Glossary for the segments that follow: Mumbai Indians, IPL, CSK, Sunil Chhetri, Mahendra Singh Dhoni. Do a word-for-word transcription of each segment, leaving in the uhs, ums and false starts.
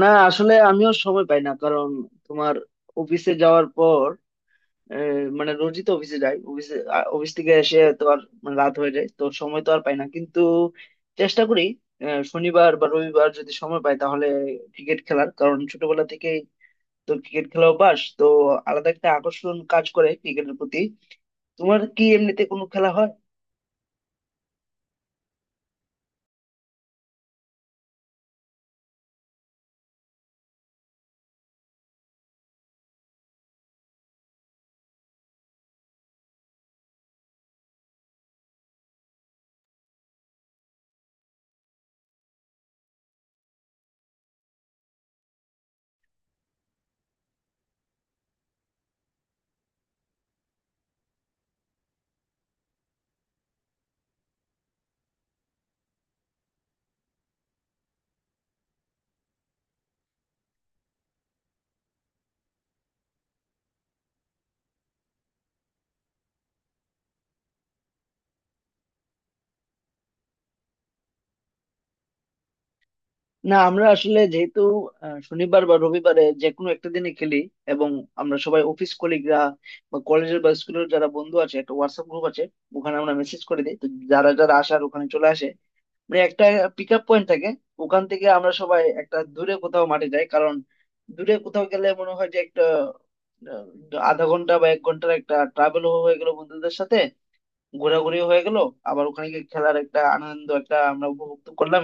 না, আসলে আমিও সময় পাই না কারণ তোমার অফিসে যাওয়ার পর আহ, মানে রোজই তো অফিসে যাই। অফিসে আ- অফিস থেকে এসে তো আর মানে রাত হয়ে যায়, তো সময় তো আর পাই না, কিন্তু চেষ্টা করি আহ, শনিবার বা রবিবার যদি সময় পাই তাহলে ক্রিকেট খেলার, কারণ ছোটবেলা থেকেই তো ক্রিকেট খেলা অভ্যাস, তো আলাদা একটা আকর্ষণ কাজ করে ক্রিকেটের প্রতি। তোমার কি এমনিতে কোনো খেলা হয়? না, আমরা আসলে যেহেতু আহ, শনিবার বা রবিবারে যে কোনো একটা দিনে খেলি, এবং আমরা সবাই অফিস কলিগরা বা কলেজের বা স্কুলের যারা বন্ধু আছে, একটা হোয়াটসঅ্যাপ গ্রুপ আছে, ওখানে আমরা মেসেজ করে দিই, তো যারা যারা আসার ওখানে চলে আসে। মানে একটা পিক আপ পয়েন্ট থাকে, ওখান থেকে আমরা সবাই একটা দূরে কোথাও মাঠে যাই, কারণ দূরে কোথাও গেলে মনে হয় যে একটা আহ, আধা ঘন্টা বা এক ঘন্টার একটা ট্রাভেল হয়ে গেল বন্ধুদের সাথে, ঘোরাঘুরি হয়ে গেল, আবার ওখানে গিয়ে খেলার একটা আনন্দ একটা আমরা উপভোগ করলাম।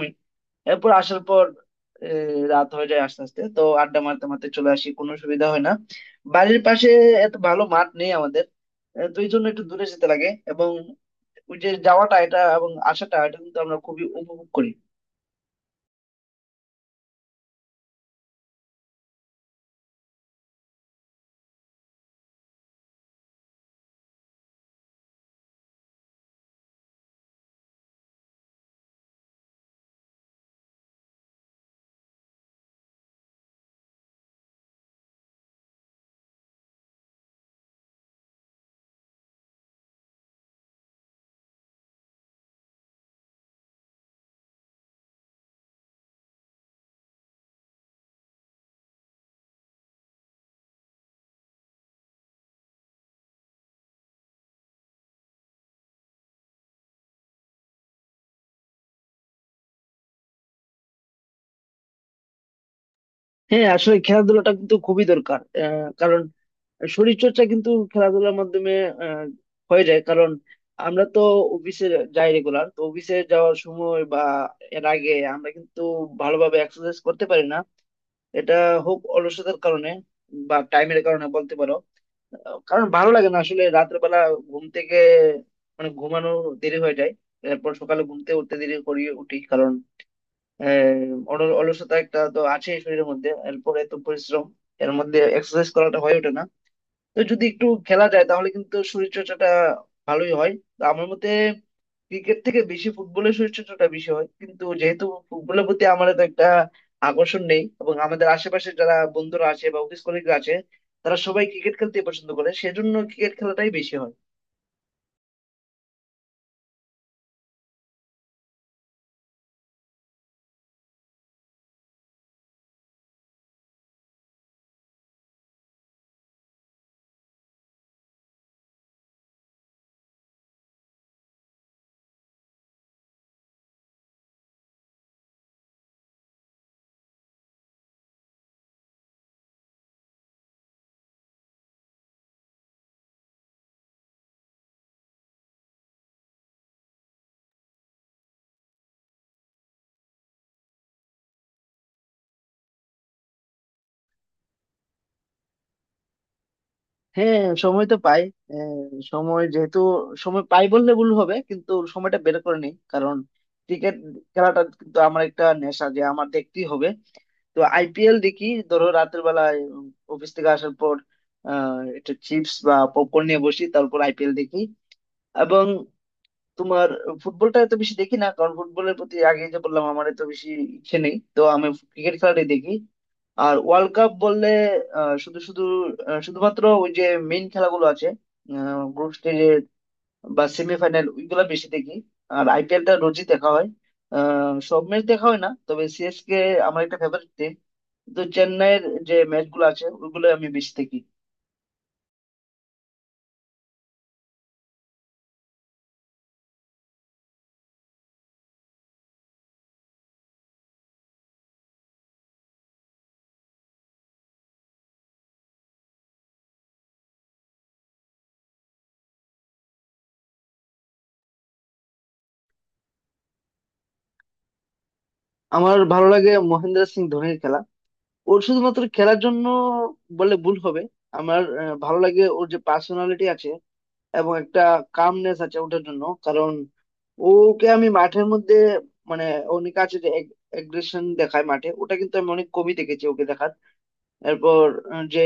এরপর আসার পর আহ, রাত হয়ে যায় আস্তে আস্তে, তো আড্ডা মারতে মারতে চলে আসি, কোনো সুবিধা হয় না। বাড়ির পাশে এত ভালো মাঠ নেই আমাদের, আহ, তো এই জন্য একটু দূরে যেতে লাগে, এবং ওই যে যাওয়াটা এটা এবং আসাটা এটা কিন্তু আমরা খুবই উপভোগ করি। হ্যাঁ, আসলে খেলাধুলাটা কিন্তু খুবই দরকার, আহ, কারণ শরীর চর্চা কিন্তু খেলাধুলার মাধ্যমে আহ, হয়ে যায়, কারণ আমরা তো অফিসে যাই রেগুলার, তো অফিসে যাওয়ার সময় বা এর আগে আমরা কিন্তু ভালোভাবে এক্সারসাইজ করতে পারি না। এটা হোক অলসতার কারণে বা টাইমের কারণে বলতে পারো, আহ, কারণ ভালো লাগে না আসলে। রাতের বেলা ঘুম থেকে মানে ঘুমানো দেরি হয়ে যায়, এরপর সকালে ঘুমতে উঠতে দেরি করি উঠি, কারণ আহ, অল- অলসতা একটা তো আছে শরীরের মধ্যে, এরপর এত পরিশ্রম, এর মধ্যে এক্সারসাইজ করাটা হয়ে ওঠে না। তো যদি একটু খেলা যায় তাহলে কিন্তু শরীর চর্চাটা ভালোই হয়। তো আমার মতে ক্রিকেট থেকে বেশি ফুটবলের শরীর চর্চাটা বেশি হয়, কিন্তু যেহেতু ফুটবলের প্রতি আমার তো একটা আকর্ষণ নেই, এবং আমাদের আশেপাশে যারা বন্ধুরা আছে বা অফিস কলিগরা আছে তারা সবাই ক্রিকেট খেলতে পছন্দ করে, সেজন্য ক্রিকেট খেলাটাই বেশি হয়। হ্যাঁ, সময় তো পাই। আহ, সময় যেহেতু সময় পাই বললে ভুল হবে, কিন্তু সময়টা বের করে নিই, কারণ ক্রিকেট খেলাটা কিন্তু আমার একটা নেশা, যে আমার দেখতেই হবে। তো আইপিএল দেখি, ধরো রাতের বেলায় অফিস থেকে আসার পর আহ একটা চিপস বা পপকর্ন নিয়ে বসি, তারপর আইপিএল দেখি। এবং তোমার ফুটবলটা এত বেশি দেখি না, কারণ ফুটবলের প্রতি আগে যে বললাম আমার এত বেশি ইচ্ছে নেই, তো আমি ক্রিকেট খেলাটাই দেখি। আর ওয়ার্ল্ড কাপ বললে আহ, শুধু শুধু আহ, শুধুমাত্র ওই যে মেইন খেলাগুলো আছে গ্রুপ স্টেজের বা সেমিফাইনাল ওইগুলা বেশি দেখি। আর আইপিএলটা রোজই দেখা হয়। আহ, সব ম্যাচ দেখা হয় না, তবে সিএসকে আমার একটা ফেভারিট টিম, তো চেন্নাইয়ের যে ম্যাচ গুলো আছে ওইগুলো আমি বেশি দেখি। আমার ভালো লাগে মহেন্দ্র সিং ধোনির খেলা। ওর শুধুমাত্র খেলার জন্য বলে ভুল হবে, আমার আহ, ভালো লাগে ওর যে পার্সোনালিটি আছে এবং একটা কামনেস আছে ওটার জন্য, কারণ ওকে আমি মাঠের মধ্যে মানে অনেক আছে যে এগ্রেশন দেখায় মাঠে, ওটা কিন্তু আমি অনেক কমই দেখেছি ওকে দেখার। এরপর আহ, যে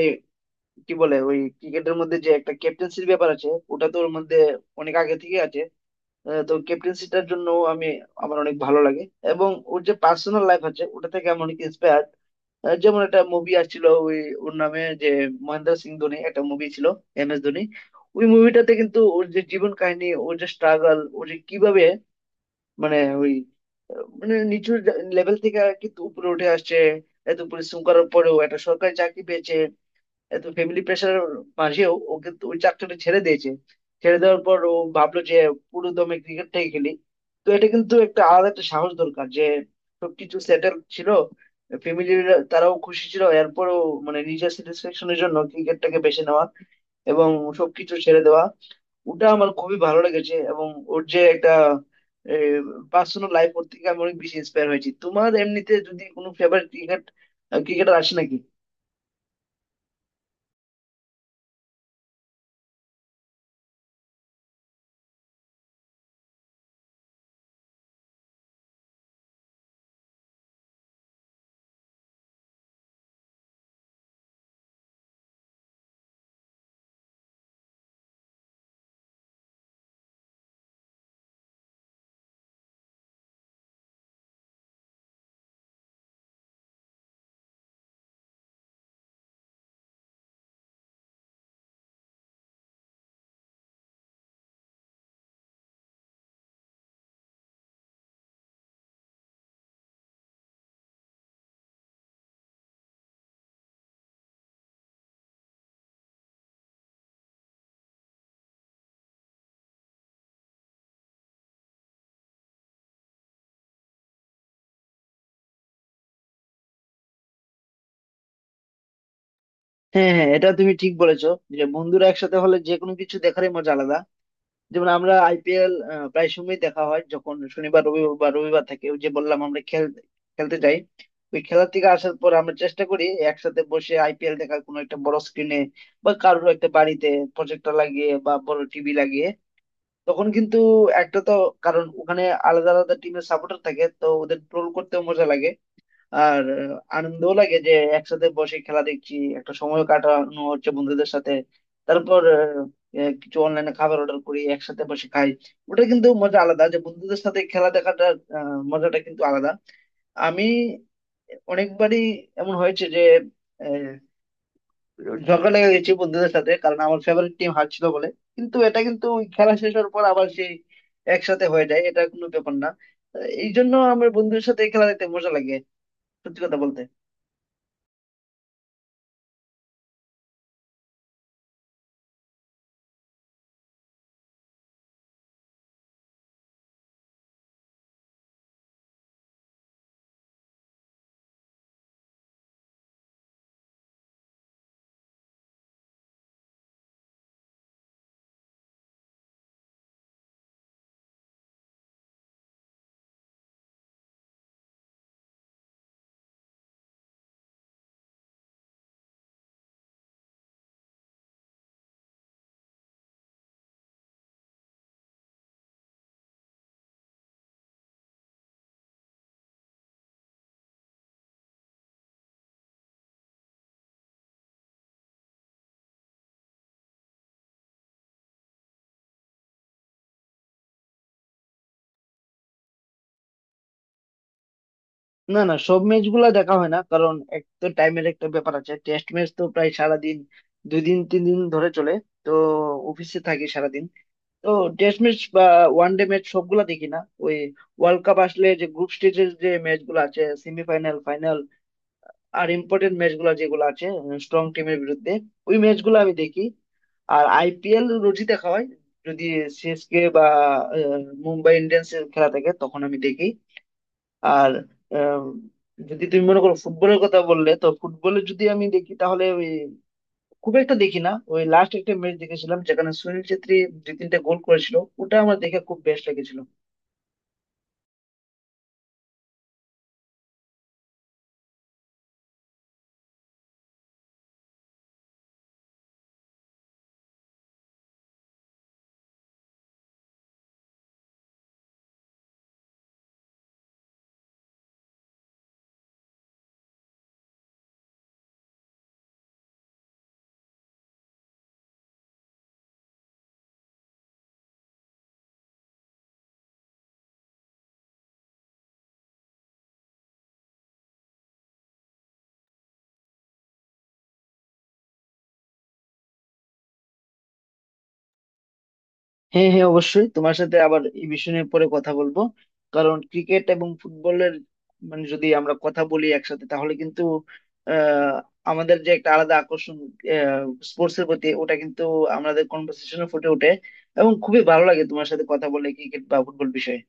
কি বলে ওই ক্রিকেটের মধ্যে যে একটা ক্যাপ্টেন্সির ব্যাপার আছে ওটা তো ওর মধ্যে অনেক আগে থেকে আছে। আহ, তো ক্যাপ্টেন্সিটার জন্য আমি আমার অনেক ভালো লাগে। এবং ওর যে পার্সোনাল লাইফ আছে ওটা থেকে আমি অনেক ইন্সপায়ার। আহ, যেমন একটা মুভি আসছিল ওই ওর নামে, যে মহেন্দ্র সিং ধোনি একটা মুভি ছিল, এম এস ধোনি। ওই মুভিটাতে কিন্তু ওর যে জীবন কাহিনী, ওর যে স্ট্রাগল, ও যে কিভাবে মানে ওই আহ, মানে নিচু লেভেল থেকে কিন্তু উপরে উঠে আসছে, এত পরিশ্রম করার পরেও একটা সরকারি চাকরি পেয়েছে, এত ফ্যামিলি প্রেশারের মাঝেও ওকে তো- ওই চাকরিটা ছেড়ে দিয়েছে। ছেড়ে দেওয়ার পর ও ভাবলো যে পুরো দমে ক্রিকেটটাই খেলি। তো এটা কিন্তু একটা আলাদা একটা সাহস দরকার, যে সবকিছু সেটেল ছিল, ফ্যামিলি তারাও খুশি ছিল, এরপরও মানে নিজের স্যাটিসফ্যাকশনের জন্য ক্রিকেটটাকে বেছে নেওয়া এবং সবকিছু ছেড়ে দেওয়া, ওটা আমার খুবই ভালো লেগেছে। এবং ওর যে একটা পার্সোনাল লাইফ ওর থেকে আমি অনেক বেশি ইন্সপায়ার হয়েছি। তোমার এমনিতে যদি কোনো ফেভারিট ক্রিকেট ক্রিকেটার আসে নাকি? হ্যাঁ হ্যাঁ, এটা তুমি ঠিক বলেছো, যে বন্ধুরা একসাথে হলে যে কোনো কিছু দেখারই মজা আলাদা। যেমন আমরা আইপিএল প্রায় সময় দেখা হয়, যখন শনিবার রবিবার বা রবিবার থাকে, ওই যে বললাম আমরা খেল খেলতে যাই, ওই খেলা থেকে আসার পর আমরা চেষ্টা করি একসাথে বসে আইপিএল দেখার, কোনো একটা বড় স্ক্রিনে বা কারোর একটা বাড়িতে প্রজেক্টর লাগিয়ে বা বড় টিভি লাগিয়ে। তখন কিন্তু একটা তো কারণ ওখানে আলাদা আলাদা টিমের সাপোর্টার থাকে, তো ওদের ট্রোল করতেও মজা লাগে, আর আনন্দও লাগে, যে একসাথে বসে খেলা দেখছি, একটা সময় কাটানো হচ্ছে বন্ধুদের সাথে। তারপর আহ, কিছু অনলাইনে খাবার অর্ডার করি একসাথে বসে খাই। ওটা কিন্তু মজা আলাদা, যে বন্ধুদের সাথে খেলা দেখাটা আহ, মজাটা কিন্তু আলাদা। আমি অনেকবারই এমন হয়েছে যে আহ, ঝগড়া লেগে গেছি বন্ধুদের সাথে, কারণ আমার ফেভারিট টিম হারছিল বলে, কিন্তু এটা কিন্তু ওই খেলা শেষ হওয়ার পর আবার সেই একসাথে হয়ে যায়, এটা কোনো ব্যাপার না। আহ, এই জন্য আমার বন্ধুদের সাথে খেলা দেখতে মজা লাগে, সত্যি কথা বলতে। না না, সব ম্যাচ গুলা দেখা হয় না, কারণ এক তো টাইমের একটা ব্যাপার আছে। টেস্ট ম্যাচ তো প্রায় সারাদিন, দুই দিন তিন দিন ধরে চলে, তো অফিসে থাকি সারাদিন, তো টেস্ট ম্যাচ বা ওয়ান ডে ম্যাচ সবগুলা দেখি না। ওই ওয়ার্ল্ড কাপ আসলে যে গ্রুপ স্টেজের যে ম্যাচ গুলো আছে, সেমিফাইনাল ফাইনাল আর ইম্পর্টেন্ট ম্যাচ গুলা যেগুলো আছে স্ট্রং টিমের বিরুদ্ধে, ওই ম্যাচ গুলো আমি দেখি। আর আইপিএল রোজই দেখা হয়, যদি সিএসকে বা আহ, মুম্বাই ইন্ডিয়ান্স এর খেলা থাকে তখন আমি দেখি। আর আম, যদি তুমি মনে করো ফুটবলের কথা বললে, তো ফুটবলে যদি আমি দেখি তাহলে ওই খুব একটা দেখি না। ওই লাস্ট একটা ম্যাচ দেখেছিলাম যেখানে সুনীল ছেত্রী দুই তিনটা গোল করেছিল, ওটা আমার দেখে খুব বেশ লেগেছিল। হ্যাঁ হ্যাঁ, অবশ্যই তোমার সাথে আবার এই বিষয় নিয়ে পরে কথা বলবো, কারণ ক্রিকেট এবং ফুটবলের মানে যদি আমরা কথা বলি একসাথে তাহলে কিন্তু আহ আমাদের যে একটা আলাদা আকর্ষণ স্পোর্টস এর প্রতি, ওটা কিন্তু আমাদের কনভার্সেশনে ফুটে ওঠে। এবং খুবই ভালো লাগে তোমার সাথে কথা বলে ক্রিকেট বা ফুটবল বিষয়ে।